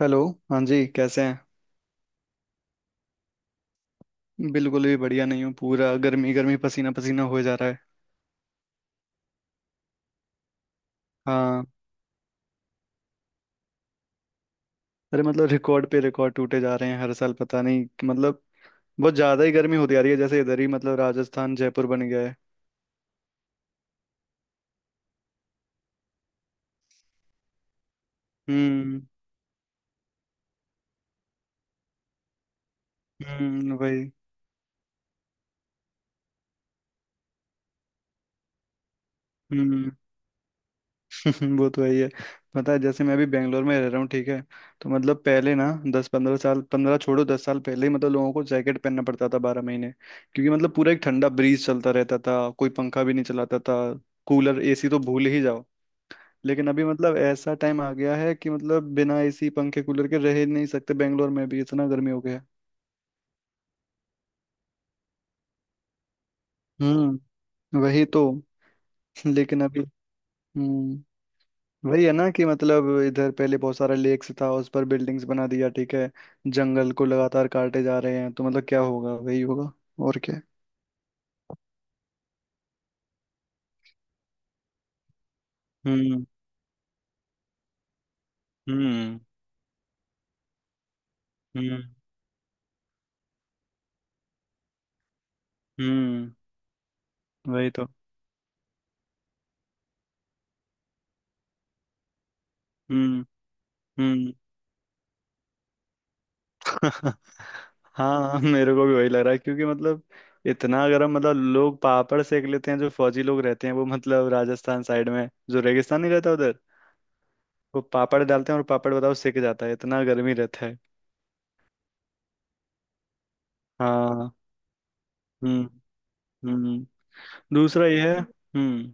Hello. हाँ जी कैसे हैं? बिल्कुल भी बढ़िया नहीं हूँ, पूरा गर्मी गर्मी पसीना पसीना हो जा रहा है। हाँ। अरे मतलब रिकॉर्ड पे रिकॉर्ड टूटे जा रहे हैं हर साल, पता नहीं कि मतलब बहुत ज़्यादा ही गर्मी होती जा रही है। जैसे इधर ही मतलब राजस्थान जयपुर बन गया है। हम्म। हम्म, वही। हम्म। वो तो वही है ही है। पता है, जैसे मैं अभी बेंगलोर में रह रहा हूँ, ठीक है? तो मतलब पहले ना 10 15 साल, पंद्रह छोड़ो 10 साल पहले ही मतलब लोगों को जैकेट पहनना पड़ता था 12 महीने, क्योंकि मतलब पूरा एक ठंडा ब्रीज चलता रहता था, कोई पंखा भी नहीं चलाता था। कूलर एसी तो भूल ही जाओ। लेकिन अभी मतलब ऐसा टाइम आ गया है कि मतलब बिना एसी पंखे कूलर के रह ही नहीं सकते, बेंगलोर में भी इतना गर्मी हो गया है। हम्म। वही तो। लेकिन अभी। हम्म। वही है ना कि मतलब इधर पहले बहुत सारा लेक्स था, उस पर बिल्डिंग्स बना दिया, ठीक है? जंगल को लगातार काटे जा रहे हैं, तो मतलब क्या होगा वही होगा। और क्या। हम्म। हम्म। हम्म। हम्म। वही तो। हम्म। हम्म। हाँ मेरे को भी वही लग रहा है, क्योंि मतलब इतना अगर हम मतलब लोग पापड़ सेक लेते हैं, जो फौजी लोग रहते हैं वो, मतलब राजस्थान साइड में जो रेगिस्तान नहीं रहता उधर, वो पापड़ डालते हैं और पापड़ बताओ सेक जाता है, इतना गर्मी रहता है। हाँ। हम्म। हम्म। दूसरा ये है। हम्म।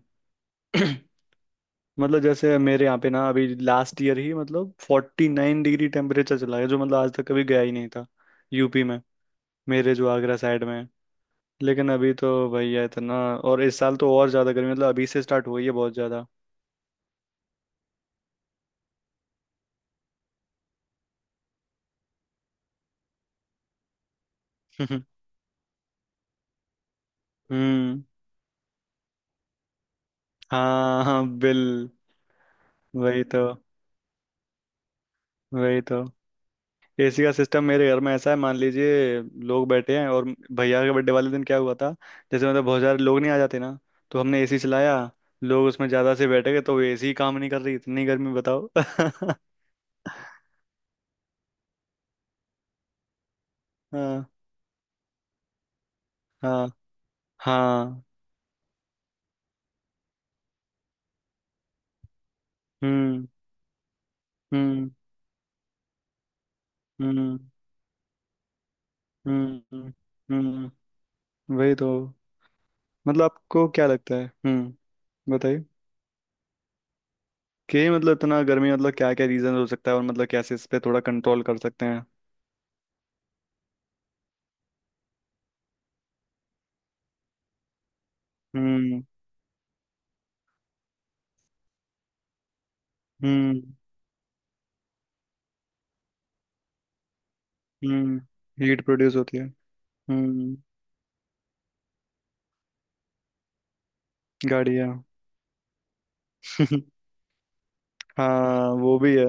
मतलब जैसे मेरे यहाँ पे ना अभी लास्ट ईयर ही मतलब 49 डिग्री टेम्परेचर चला गया, जो मतलब आज तक कभी गया ही नहीं था। UP में। मेरे जो आगरा साइड में है। लेकिन अभी तो भैया इतना, और इस साल तो और ज्यादा गर्मी मतलब अभी से स्टार्ट हुई है बहुत ज्यादा। हम्म। हाँ हाँ, बिल। वही तो। वही तो। एसी का सिस्टम मेरे घर में ऐसा है, मान लीजिए, लोग बैठे हैं और भैया के बर्थडे वाले दिन क्या हुआ था, जैसे मतलब बहुत सारे लोग नहीं आ जाते ना, तो हमने एसी चलाया, लोग उसमें ज्यादा से बैठ गए तो एसी काम नहीं कर रही, इतनी गर्मी बताओ। हाँ। हाँ। हाँ। हम्म। हम्म। हम्म। हम्म। हम्म। वही तो। मतलब आपको क्या लगता है? हम्म, बताइए, कि मतलब इतना गर्मी मतलब क्या क्या रीजन हो सकता है, और मतलब कैसे इस पे थोड़ा कंट्रोल कर सकते हैं? हम्म। हम्म। हम्म। हीट प्रोड्यूस होती है। हम्म। गाड़ियाँ। हाँ वो भी है।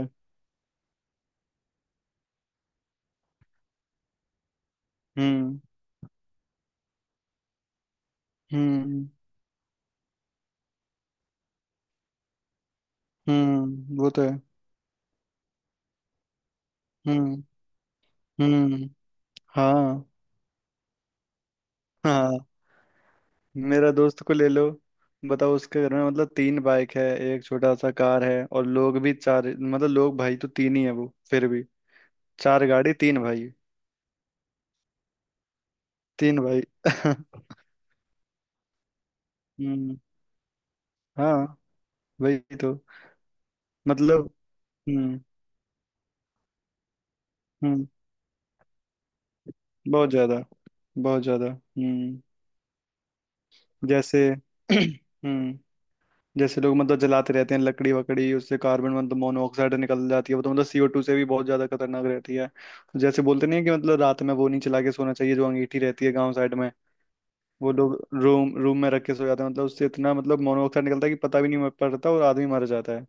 हम्म। हम्म। हम्म, वो तो है। हम्म। हम्म। हाँ। हाँ। मेरा दोस्त को ले लो, बताओ उसके घर में मतलब तीन बाइक है, एक छोटा सा कार है, और लोग भी चार, मतलब लोग भाई तो तीन ही है, वो फिर भी चार गाड़ी तीन भाई। तीन भाई। हम्म। हाँ। वही तो। मतलब। हम्म। हम्म। बहुत ज्यादा। बहुत ज्यादा। हम्म। जैसे हम्म, जैसे लोग मतलब जलाते रहते हैं लकड़ी वकड़ी, उससे कार्बन मतलब मोनोऑक्साइड निकल जाती है, वो तो मतलब CO2 से भी बहुत ज्यादा खतरनाक रहती है। तो जैसे बोलते नहीं है कि मतलब रात में वो नहीं चला के सोना चाहिए, जो अंगीठी रहती है गांव साइड में, वो लोग रूम रूम में रख के सो जाते हैं, मतलब उससे इतना मतलब मोनोऑक्साइड निकलता है कि पता भी नहीं पड़ता और आदमी मर जाता है।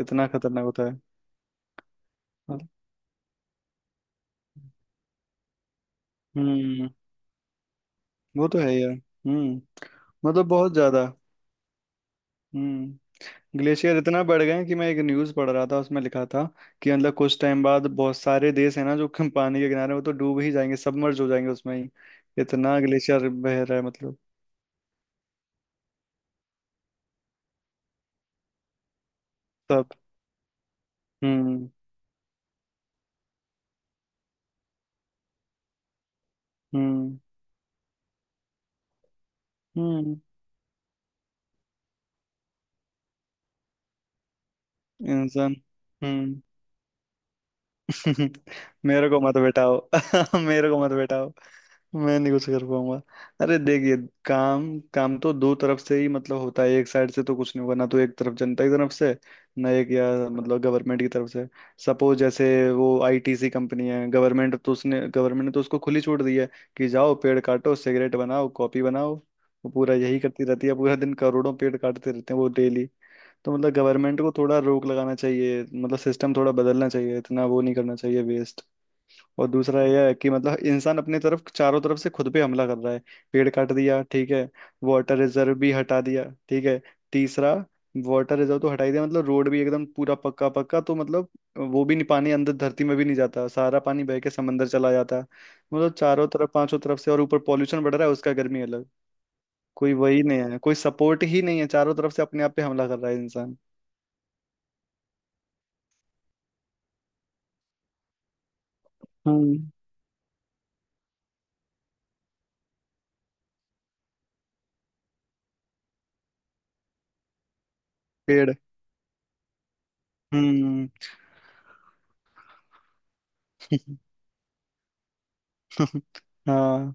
इतना खतरनाक होता है। हम्म, वो तो है यार। हम्म, मतलब बहुत ज्यादा। हम्म। ग्लेशियर इतना बढ़ गए हैं कि मैं एक न्यूज़ पढ़ रहा था, उसमें लिखा था कि मतलब कुछ टाइम बाद बहुत सारे देश है ना जो कम पानी के किनारे हैं, वो तो डूब ही जाएंगे, सबमर्ज हो जाएंगे उसमें ही, इतना ग्लेशियर बह रहा है मतलब। सब। हम्म। हम्म। हम्म। इंसान। हम्म। मेरे को मत बैठाओ, मेरे को मत बैठाओ। मैं नहीं कुछ कर पाऊंगा। अरे देखिए, काम काम तो दो तरफ से ही मतलब होता है, एक साइड से तो कुछ नहीं होगा ना, तो एक तरफ जनता की तरफ से ना, एक या मतलब गवर्नमेंट की तरफ से। सपोज जैसे वो ITC कंपनी है, गवर्नमेंट, तो उसने गवर्नमेंट ने तो उसको खुली छूट दी है कि जाओ पेड़ काटो, सिगरेट बनाओ, कॉपी बनाओ। वो पूरा यही करती रहती है पूरा दिन, करोड़ों पेड़ काटते रहते हैं वो डेली। तो मतलब गवर्नमेंट को थोड़ा रोक लगाना चाहिए, मतलब सिस्टम थोड़ा बदलना चाहिए, इतना वो नहीं करना चाहिए। और दूसरा यह है कि मतलब इंसान अपने तरफ चारों तरफ से खुद पे हमला कर रहा है। पेड़ काट दिया, ठीक है। वाटर रिजर्व भी हटा दिया, ठीक है। तीसरा, वाटर रिजर्व तो हटा ही दिया, मतलब रोड भी एकदम पूरा पक्का पक्का, तो मतलब वो भी नहीं, पानी अंदर धरती में भी नहीं जाता, सारा पानी बह के समंदर चला जाता। मतलब चारों तरफ पांचों तरफ से, और ऊपर पॉल्यूशन बढ़ रहा है, उसका गर्मी अलग। कोई वही नहीं है, कोई सपोर्ट ही नहीं है, चारों तरफ से अपने आप पे हमला कर रहा है इंसान। हम्म। पेड़। हम्म। हाँ।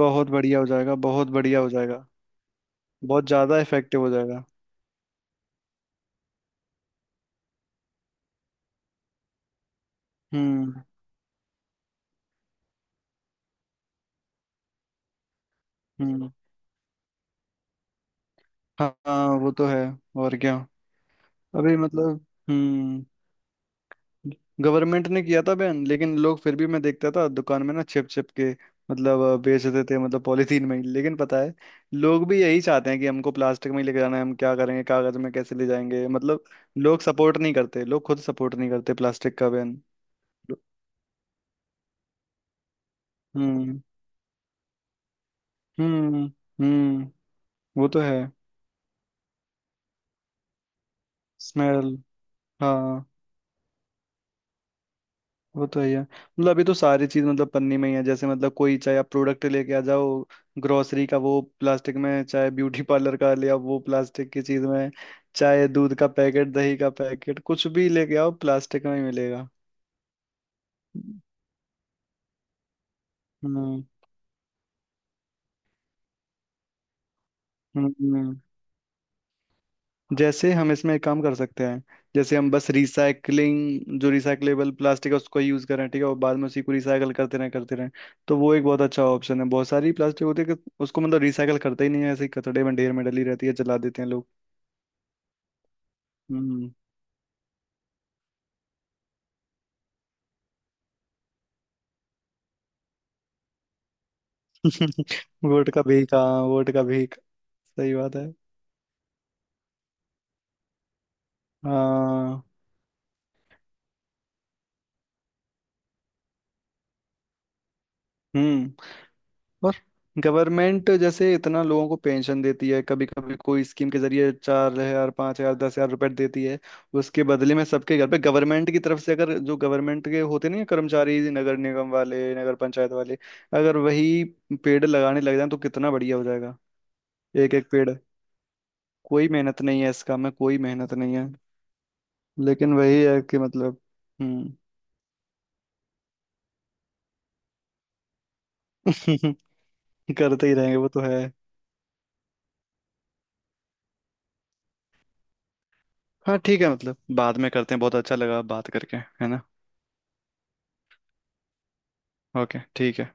बहुत बढ़िया हो जाएगा, बहुत बढ़िया हो जाएगा। बहुत ज्यादा इफेक्टिव हो जाएगा। हम्म। हम्म। हाँ हाँ, वो तो है। और क्या। अभी मतलब, हम्म, गवर्नमेंट ने किया था बैन, लेकिन लोग फिर भी, मैं देखता था दुकान में ना, छिप छिप के मतलब बेच देते थे, मतलब पॉलीथीन में ही। लेकिन पता है, लोग भी यही चाहते हैं कि हमको प्लास्टिक में ही लेके जाना है, हम क्या करेंगे कागज में कैसे ले जाएंगे, मतलब लोग सपोर्ट नहीं करते, लोग खुद सपोर्ट नहीं करते प्लास्टिक का बैन। हम्म। हम्म। हम्म, वो तो है। स्मेल। हाँ। वो तो है ही है। मतलब अभी तो सारी चीज मतलब पन्नी में ही है, जैसे मतलब कोई चाहे आप प्रोडक्ट लेके आ जाओ, ग्रोसरी का वो प्लास्टिक में, चाहे ब्यूटी पार्लर का ले आओ वो प्लास्टिक की चीज में, चाहे दूध का पैकेट दही का पैकेट कुछ भी लेके आओ प्लास्टिक में ही मिलेगा। हम्म। हम्म। जैसे हम इसमें एक काम कर सकते हैं। जैसे हम बस रिसाइकलिंग, जो रिसाइकलेबल प्लास्टिक है उसको यूज करें, ठीक है, और बाद में उसी को रिसाइकल करते रहें करते रहें। तो वो एक बहुत अच्छा ऑप्शन है। बहुत सारी प्लास्टिक होती है कि उसको मतलब रिसाइकल करते ही नहीं है, ऐसे ही कचड़े में ढेर में डली रहती है, जला देते हैं लोग। हम्म। वोट का भीख, हाँ वोट का भीख। सही बात है। हाँ। हम्म। और गवर्नमेंट जैसे इतना लोगों को पेंशन देती है कभी कभी, कोई स्कीम के जरिए 4 हजार 5 हजार 10 हजार रुपए देती है, उसके बदले में सबके घर पे गवर्नमेंट की तरफ से, अगर जो गवर्नमेंट के होते नहीं हैं कर्मचारी, नगर निगम वाले, नगर पंचायत वाले, अगर वही पेड़ लगाने लग जाए तो कितना बढ़िया हो जाएगा। एक एक पेड़। कोई मेहनत नहीं है इस काम में, कोई मेहनत नहीं है। लेकिन वही है कि मतलब। हम्म। करते ही रहेंगे, वो तो है। हाँ ठीक है, मतलब बाद में करते हैं, बहुत अच्छा लगा बात करके, है ना? ओके, ठीक है।